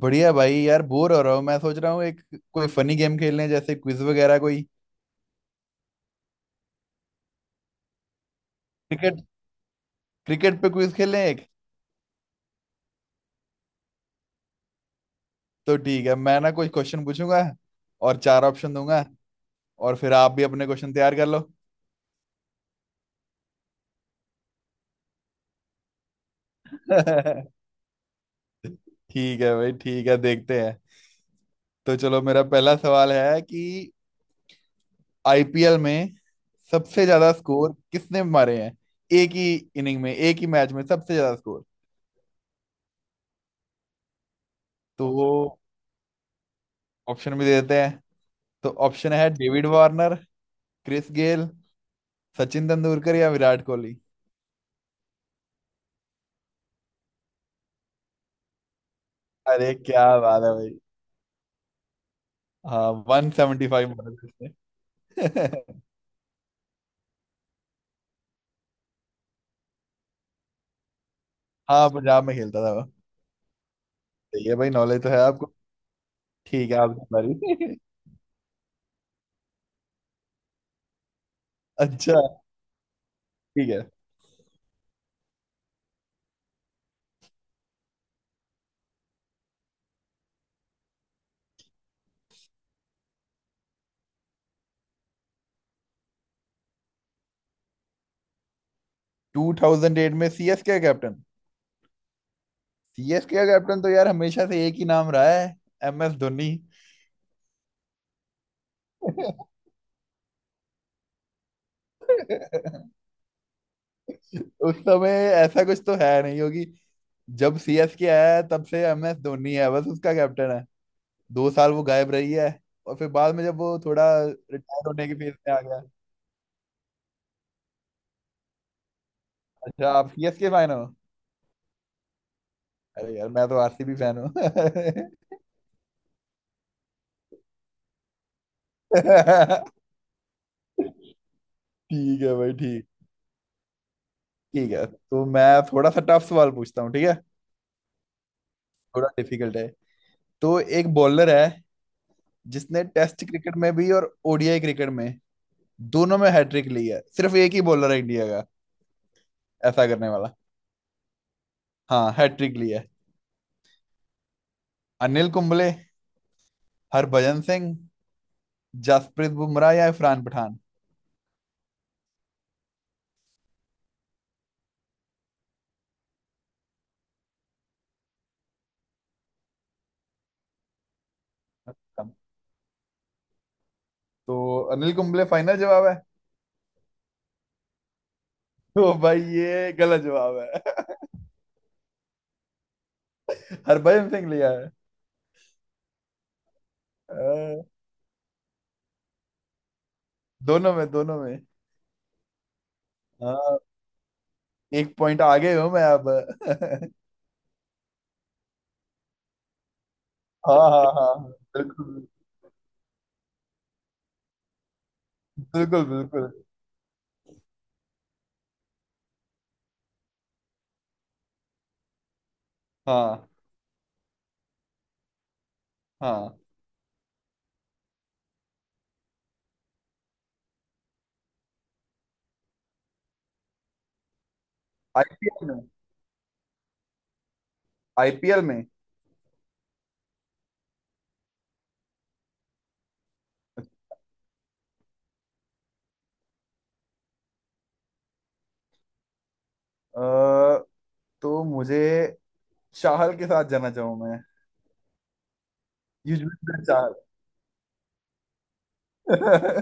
बढ़िया भाई यार, बोर हो रहा हूँ। मैं सोच रहा हूँ एक कोई फनी गेम खेल लें, जैसे क्विज वगैरह कोई। क्रिकेट क्रिकेट पे क्विज खेलें एक। तो ठीक है, मैं ना कुछ क्वेश्चन पूछूंगा और चार ऑप्शन दूंगा। और फिर आप भी अपने क्वेश्चन तैयार कर लो। ठीक है भाई, ठीक है, देखते हैं। तो चलो, मेरा पहला सवाल है कि आईपीएल में सबसे ज्यादा स्कोर किसने मारे हैं? एक ही इनिंग में, एक ही मैच में सबसे ज्यादा स्कोर। तो वो ऑप्शन भी दे देते हैं। तो ऑप्शन है David Warner, Chris Gayle, Sachin Tendulkar या विराट कोहली। अरे क्या बात है भाई। हाँ, 175 मारे थे उसने। हाँ, पंजाब में खेलता था वो। सही है भाई, नॉलेज तो है आपको। ठीक है, आपकी बारी। अच्छा, ठीक है। 2008 में सीएसके का कैप्टन। सीएसके का कैप्टन तो यार हमेशा से एक ही नाम रहा है, एम एस धोनी। उस समय ऐसा कुछ तो है नहीं होगी। जब सीएसके आया है तब से एम एस धोनी है, बस उसका कैप्टन है। 2 साल वो गायब रही है, और फिर बाद में जब वो थोड़ा रिटायर होने की फेज में आ गया। अच्छा, आप सीएसके फैन हो। अरे यार, मैं तो आरसीबी फैन हूँ। ठीक है भाई, ठीक। ठीक है, तो मैं थोड़ा सा टफ सवाल पूछता हूँ, ठीक है। थोड़ा डिफिकल्ट है। तो एक बॉलर है जिसने टेस्ट क्रिकेट में भी और ओडीआई क्रिकेट में, दोनों में हैट्रिक ली है। सिर्फ एक ही बॉलर है इंडिया का ऐसा करने वाला। हाँ, हैट्रिक ली है। अनिल कुंबले, हरभजन सिंह, जसप्रीत बुमराह या इरफान पठान। तो अनिल कुंबले फाइनल जवाब है। तो भाई, ये गलत जवाब है। हरभजन सिंह लिया है। अ, दोनों में, दोनों में। हाँ, एक पॉइंट आगे हूं मैं अब। हाँ हाँ हाँ, बिल्कुल बिल्कुल बिल्कुल। हाँ हाँ, आईपीएल में। आईपीएल में अ, तो मुझे चाहल के साथ जाना चाहूँ मैं। युजवेंद्र चाहल।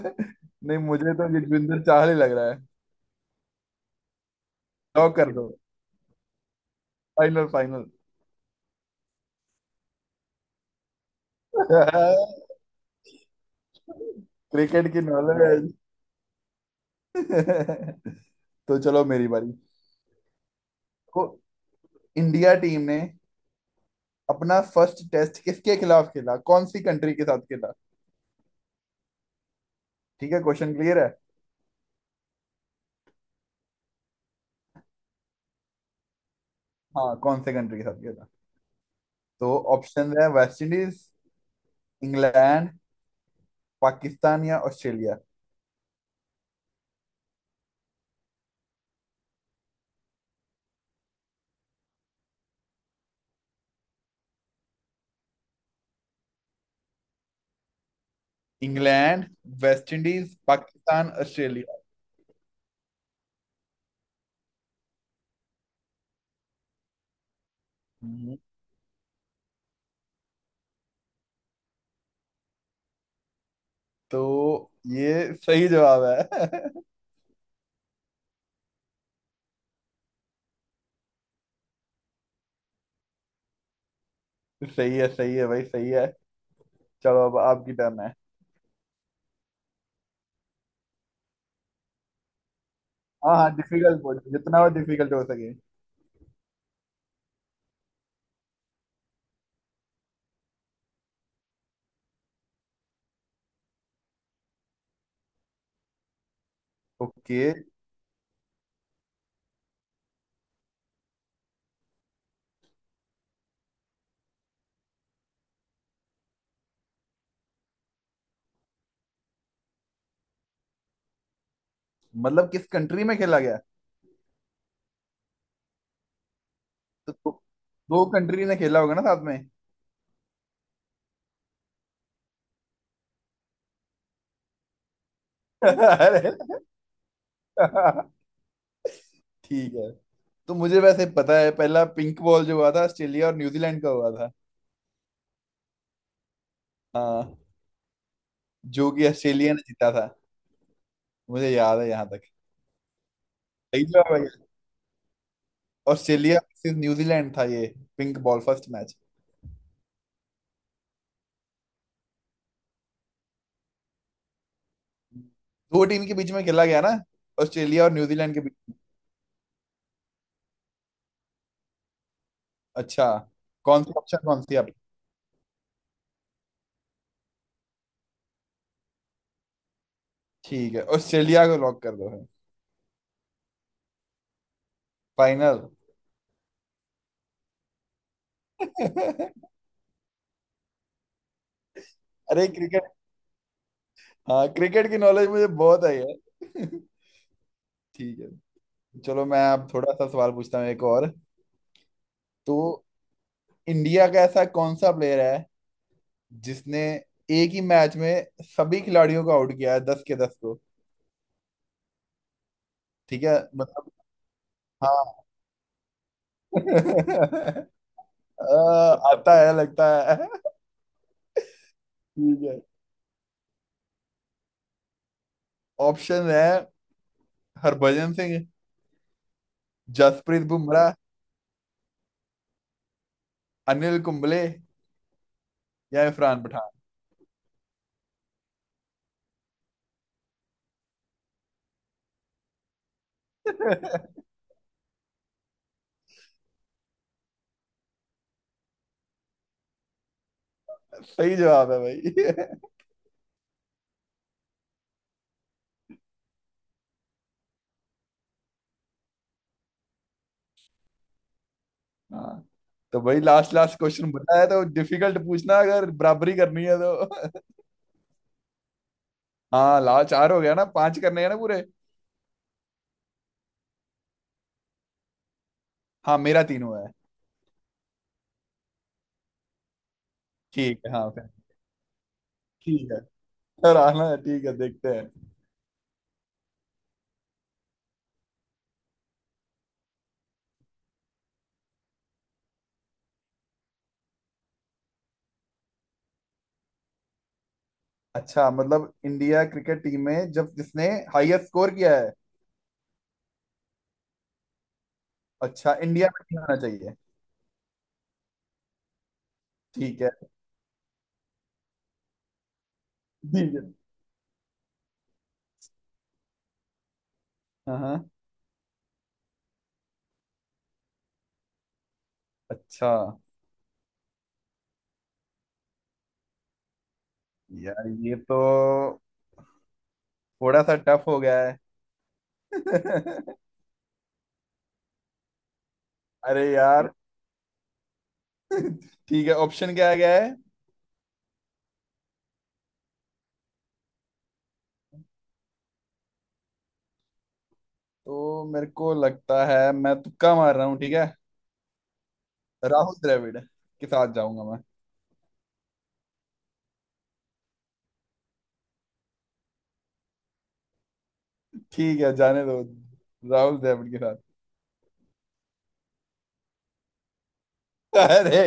नहीं, मुझे तो युजवेंद्र चाहल ही लग रहा है। लॉक कर दो। Final final. क्रिकेट की नॉलेज। तो चलो, मेरी बारी। तो इंडिया टीम ने अपना फर्स्ट टेस्ट किसके खिलाफ खेला, कौन सी कंट्री के साथ खेला? ठीक है, क्वेश्चन क्लियर है। हाँ, कौन से कंट्री के साथ खेला। तो ऑप्शन है वेस्ट इंडीज, इंग्लैंड, पाकिस्तान या Australia. England, West Indies, Pakistan, Australia. हम्म, तो ये सही जवाब है। सही है, सही है भाई, सही है। चलो, अब आपकी टर्न है। हाँ हाँ, डिफिकल्ट पूछो, जितना और डिफिकल्ट हो सके। ओके, मतलब किस कंट्री में खेला गया। तो दो, दो कंट्री ने खेला होगा ना साथ में। अरे ठीक है। तो मुझे वैसे पता है पहला पिंक बॉल जो हुआ था ऑस्ट्रेलिया और न्यूजीलैंड का हुआ था। हाँ, जो कि ऑस्ट्रेलिया ने जीता था। मुझे याद है यहाँ तक। सही जवाब है ये। ऑस्ट्रेलिया versus न्यूजीलैंड था ये, पिंक बॉल फर्स्ट मैच। दो टीम के बीच में खेला गया ना, ऑस्ट्रेलिया और न्यूजीलैंड के बीच। अच्छा, कौन सी ऑप्शन, कौन सी आप। ठीक है, ऑस्ट्रेलिया को लॉक कर दो। फाइनल। अरे क्रिकेट, हाँ, क्रिकेट की नॉलेज मुझे बहुत है यार। ठीक है। चलो, मैं अब थोड़ा सा सवाल पूछता हूँ एक और। तो इंडिया का ऐसा कौन सा प्लेयर है जिसने एक ही मैच में सभी खिलाड़ियों को आउट किया है, दस के दस को। ठीक है, मतलब हाँ। अ, आता है लगता है। ठीक है, ऑप्शन है हरभजन सिंह, जसप्रीत बुमराह, अनिल कुंबले या इरफान पठान। सही जवाब है भाई। हाँ। तो भाई, लास्ट लास्ट क्वेश्चन बताया, तो डिफिकल्ट पूछना अगर बराबरी करनी है तो। हाँ, लास्ट चार हो गया ना, पांच करने हैं ना पूरे। हाँ, मेरा तीन हुआ है। ठीक है, हाँ, ठीक है, सर आना है। ठीक है, देखते हैं। अच्छा, मतलब इंडिया क्रिकेट टीम में जब जिसने हाईएस्ट स्कोर किया है। अच्छा, इंडिया में नहीं आना चाहिए। ठीक है, ठीक है। हाँ हाँ। अच्छा यार, ये तो थोड़ा सा टफ हो गया है। अरे यार, ठीक है। ऑप्शन क्या आ गया है। तो मेरे को लगता है मैं तुक्का मार रहा हूँ, ठीक है। राहुल द्रविड़ के साथ जाऊंगा मैं। ठीक है, जाने दो, राहुल द्रविड़ के साथ। अरे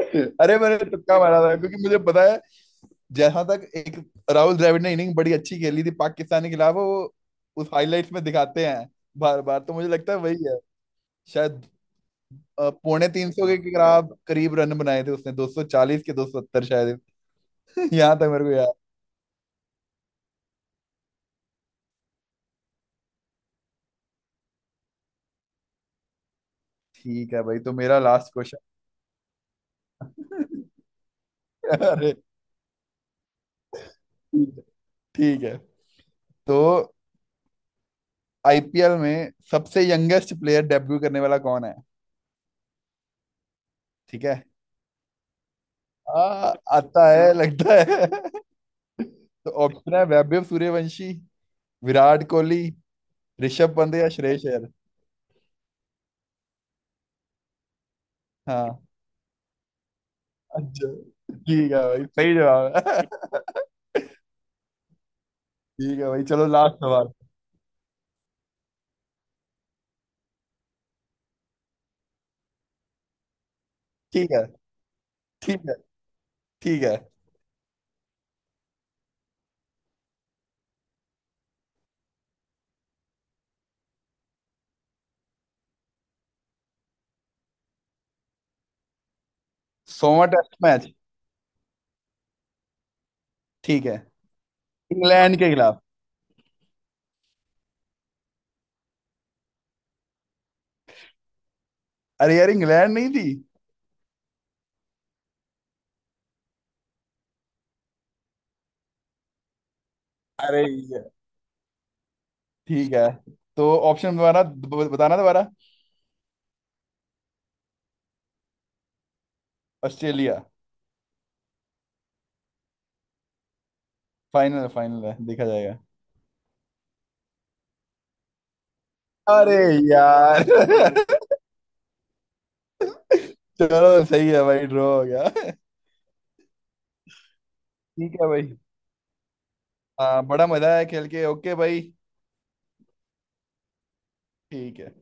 यार, अरे मैंने तुक्का मारा था क्योंकि मुझे पता है जहां तक एक, राहुल द्रविड़ ने इनिंग बड़ी अच्छी खेली थी पाकिस्तान के खिलाफ वो। उस हाइलाइट्स में दिखाते हैं बार बार, तो मुझे लगता है वही है शायद। 275 के खिलाफ करीब रन बनाए थे उसने, 240 के, 270 शायद। यहाँ तक मेरे को याद। ठीक है भाई, तो मेरा लास्ट क्वेश्चन। अरे, ठीक है, ठीक है। तो आईपीएल में सबसे यंगेस्ट प्लेयर डेब्यू करने वाला कौन है? ठीक है, आता है लगता है। तो ऑप्शन है वैभव सूर्यवंशी, विराट कोहली, ऋषभ पंत या श्रेयस अय्यर। हाँ, अच्छा, ठीक है भाई, सही जवाब है। ठीक है भाई, चलो लास्ट सवाल। ठीक है, ठीक है, ठीक है। सोमा टेस्ट मैच, ठीक है, इंग्लैंड के खिलाफ। अरे यार, इंग्लैंड नहीं थी। अरे ये, ठीक है। तो ऑप्शन दोबारा बताना दोबारा। ऑस्ट्रेलिया। फाइनल है, फाइनल है, देखा जाएगा। अरे यार चलो, सही है भाई, ड्रॉ हो गया। ठीक है भाई, हाँ, बड़ा मजा आया खेल के। ओके भाई, ठीक है।